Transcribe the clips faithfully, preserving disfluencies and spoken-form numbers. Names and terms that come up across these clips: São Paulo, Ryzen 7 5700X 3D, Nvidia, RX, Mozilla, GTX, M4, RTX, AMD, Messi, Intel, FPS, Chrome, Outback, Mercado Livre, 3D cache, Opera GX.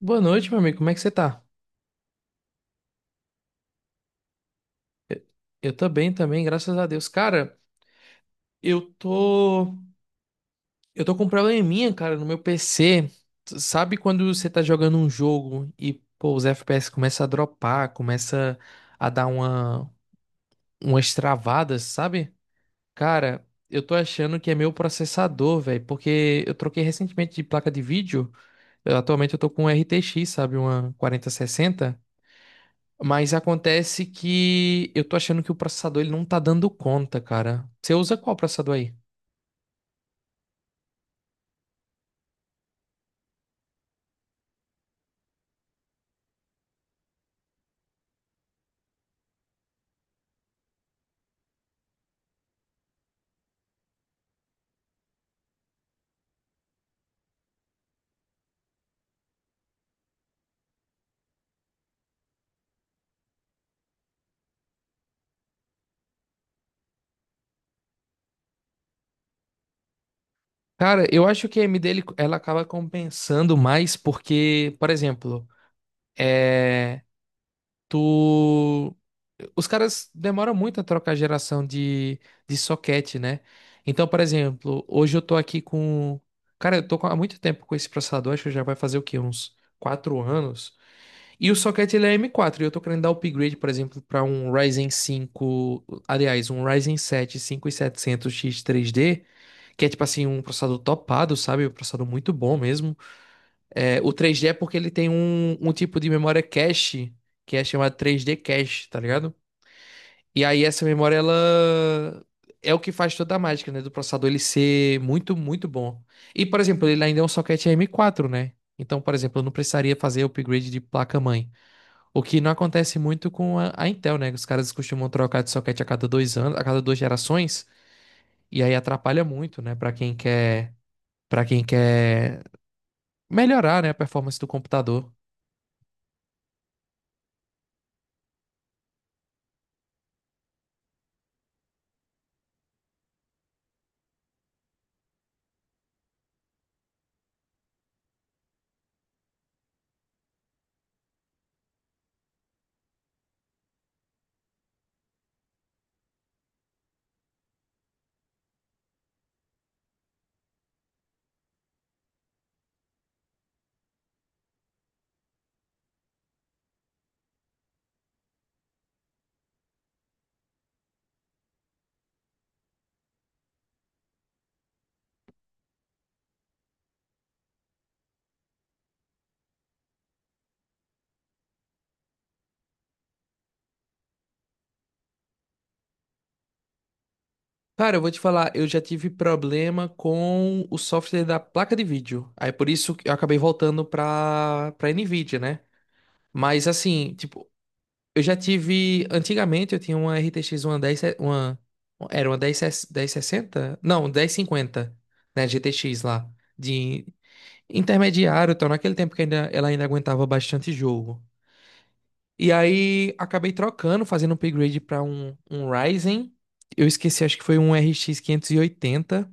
Boa noite, meu amigo. Como é que você tá? Eu tô bem também, graças a Deus. Cara, eu tô. Eu tô com um probleminha, cara, no meu P C. S- Sabe quando você tá jogando um jogo e, pô, os F P S começam a dropar, começa a dar uma... umas travadas, sabe? Cara, eu tô achando que é meu processador, velho, porque eu troquei recentemente de placa de vídeo. Eu- atualmente eu tô com um R T X, sabe? Uma quarenta sessenta. Mas acontece que eu tô achando que o processador ele não tá dando conta, cara. Você usa qual processador aí? Cara, eu acho que a AMD ele- ela acaba compensando mais porque, por exemplo, é, tu os caras demoram muito a trocar geração de, de socket, né? Então, por exemplo, hoje eu tô aqui com. Cara, eu tô com- há muito tempo com esse processador, acho que já vai fazer o quê? Uns quatro anos. E o socket ele é M quatro, e eu tô querendo dar upgrade, por exemplo, para um Ryzen cinco, aliás, um Ryzen sete cinco mil e setecentos X três D, que é tipo assim, um processador topado, sabe? Um processador muito bom mesmo. É, o três D é porque ele tem um, um tipo de memória cache, que é chamado três D cache, tá ligado? E aí essa memória, ela é o que faz toda a mágica, né? Do processador ele ser muito, muito bom. E, por exemplo, ele ainda é um socket M quatro, né? Então, por exemplo, eu não precisaria fazer upgrade de placa-mãe. O que não acontece muito com a, a Intel, né? Os caras costumam trocar de socket a cada dois anos, a cada duas gerações, e aí atrapalha muito, né? Pra quem quer, para quem quer melhorar, né, a performance do computador. Cara, eu vou te falar, eu já tive problema com o software da placa de vídeo. Aí por isso que eu acabei voltando pra, pra Nvidia, né? Mas assim, tipo, eu já tive. Antigamente eu tinha uma R T X uma dez, uma, era uma dez se- dez sessenta. Não, dez cinquenta, né? G T X lá. De intermediário, então, naquele tempo que ainda, ela ainda aguentava bastante jogo. E aí acabei trocando, fazendo um upgrade pra um, um Ryzen. Eu esqueci, acho que foi um R X oitenta.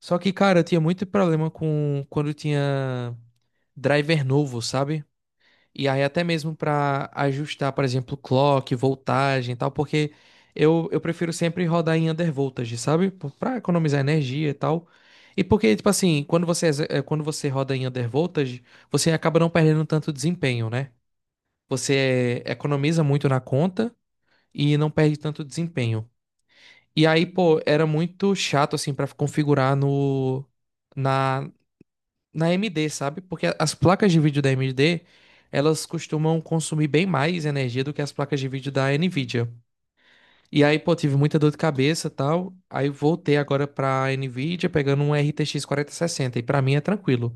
Só que, cara, eu tinha muito problema com quando tinha driver novo, sabe? E aí até mesmo para ajustar, por exemplo, clock, voltagem e tal, porque eu, eu prefiro sempre rodar em undervoltage, sabe? Para economizar energia e tal. E porque, tipo assim, quando você, exe- eh, quando você roda em undervoltage, você acaba não perdendo tanto desempenho, né? Você economiza muito na conta e não perde tanto desempenho. E aí, pô, era muito chato, assim, para configurar no, na A M D, sabe? Porque as placas de vídeo da A M D, elas costumam consumir bem mais energia do que as placas de vídeo da Nvidia. E aí, pô, tive muita dor de cabeça, e tal. Aí voltei agora pra Nvidia pegando um R T X quarenta sessenta e pra mim é tranquilo.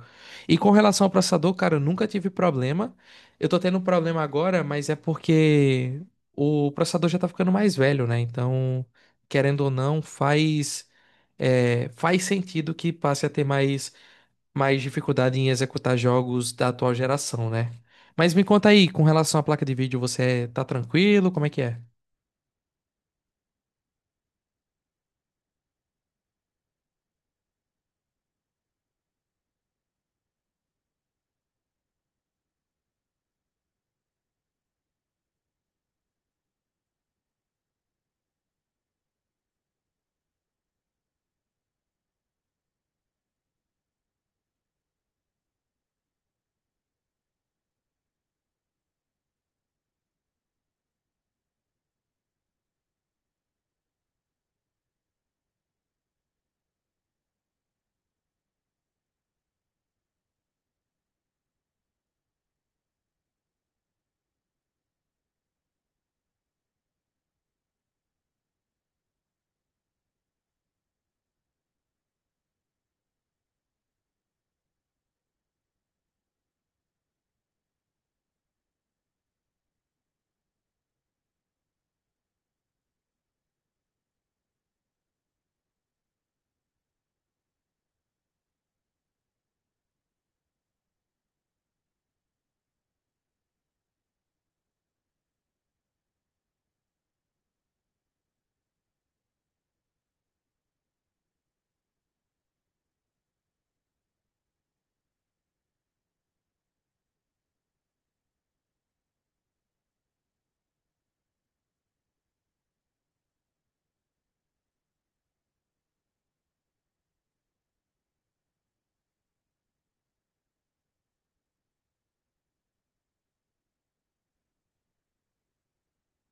E com relação ao processador, cara, eu nunca tive problema. Eu tô tendo um problema agora, mas é porque o processador já tá ficando mais velho, né? Então, querendo ou não, faz é, faz sentido que passe a ter mais mais dificuldade em executar jogos da atual geração, né? Mas me conta aí, com relação à placa de vídeo, você tá tranquilo? Como é que é?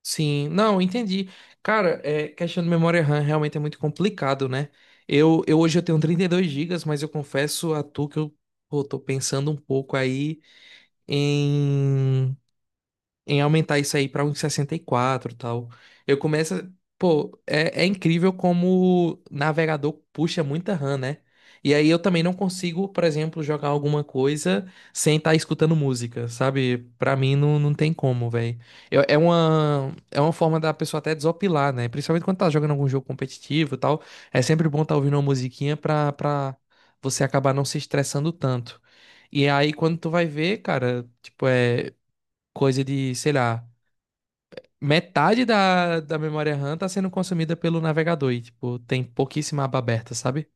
Sim, não, entendi. Cara, é, questão de memória RAM realmente é muito complicado, né? Eu, eu hoje eu tenho trinta e dois gigas, mas eu confesso a tu que eu, pô, tô pensando um pouco aí em em aumentar isso aí pra uns sessenta e quatro e tal. Eu começo. a- Pô, é, é incrível como o navegador puxa muita RAM, né? E aí eu também não consigo, por exemplo, jogar alguma coisa sem estar escutando música, sabe? Pra mim não, não tem como, velho. É é uma, é uma forma da pessoa até desopilar, né? Principalmente quando tá jogando algum jogo competitivo e tal. É sempre bom tá ouvindo uma musiquinha pra, pra você acabar não se estressando tanto. E aí, quando tu vai ver, cara, tipo, é coisa de, sei lá, metade da, da memória RAM tá sendo consumida pelo navegador e, tipo, tem pouquíssima aba aberta, sabe?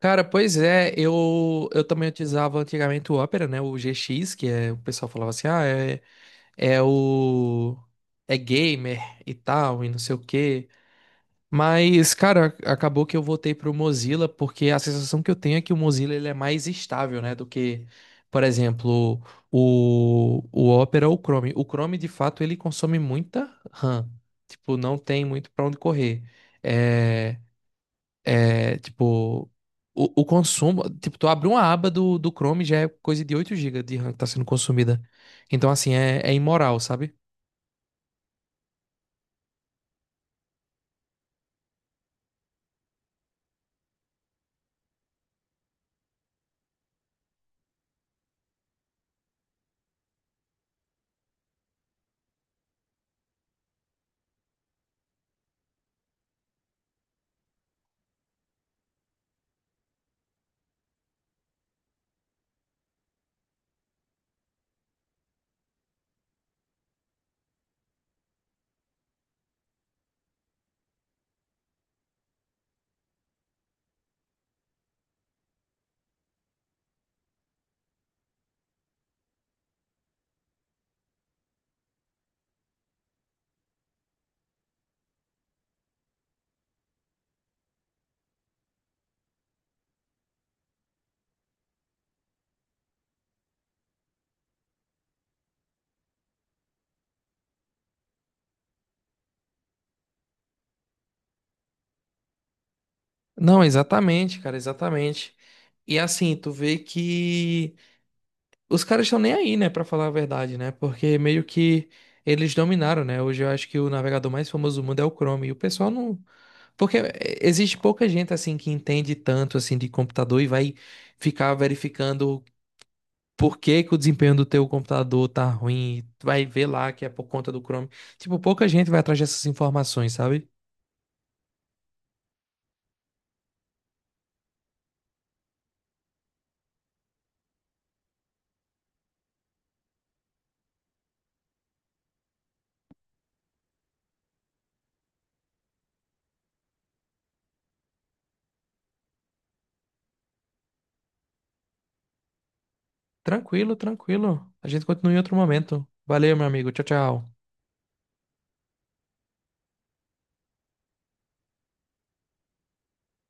Cara, pois é, eu, eu também utilizava antigamente o Opera, né? O G X, que é, o pessoal falava assim, ah, é, é o... é gamer e tal, e não sei o quê. Mas, cara, acabou que eu voltei pro Mozilla porque a sensação que eu tenho é que o Mozilla ele é mais estável, né, do que, por exemplo, o, o Opera ou o Chrome. O Chrome, de fato, ele consome muita RAM. Tipo, não tem muito pra onde correr. É, é tipo, o, o consumo, tipo, tu abre uma aba do, do Chrome já é coisa de oito gigas de RAM que tá sendo consumida. Então, assim, é, é imoral, sabe? Não, exatamente, cara, exatamente. E assim, tu vê que os caras estão nem aí, né, pra falar a verdade, né? Porque meio que eles dominaram, né? Hoje eu acho que o navegador mais famoso do mundo é o Chrome. E o pessoal não. Porque eh, existe pouca gente, assim, que entende tanto, assim, de computador e vai ficar verificando por que que o desempenho do teu computador tá ruim. Vai ver lá que é por conta do Chrome. Tipo, pouca gente vai atrás dessas informações, sabe? Tranquilo, tranquilo. A gente continua em outro momento. Valeu, meu amigo. Tchau, tchau.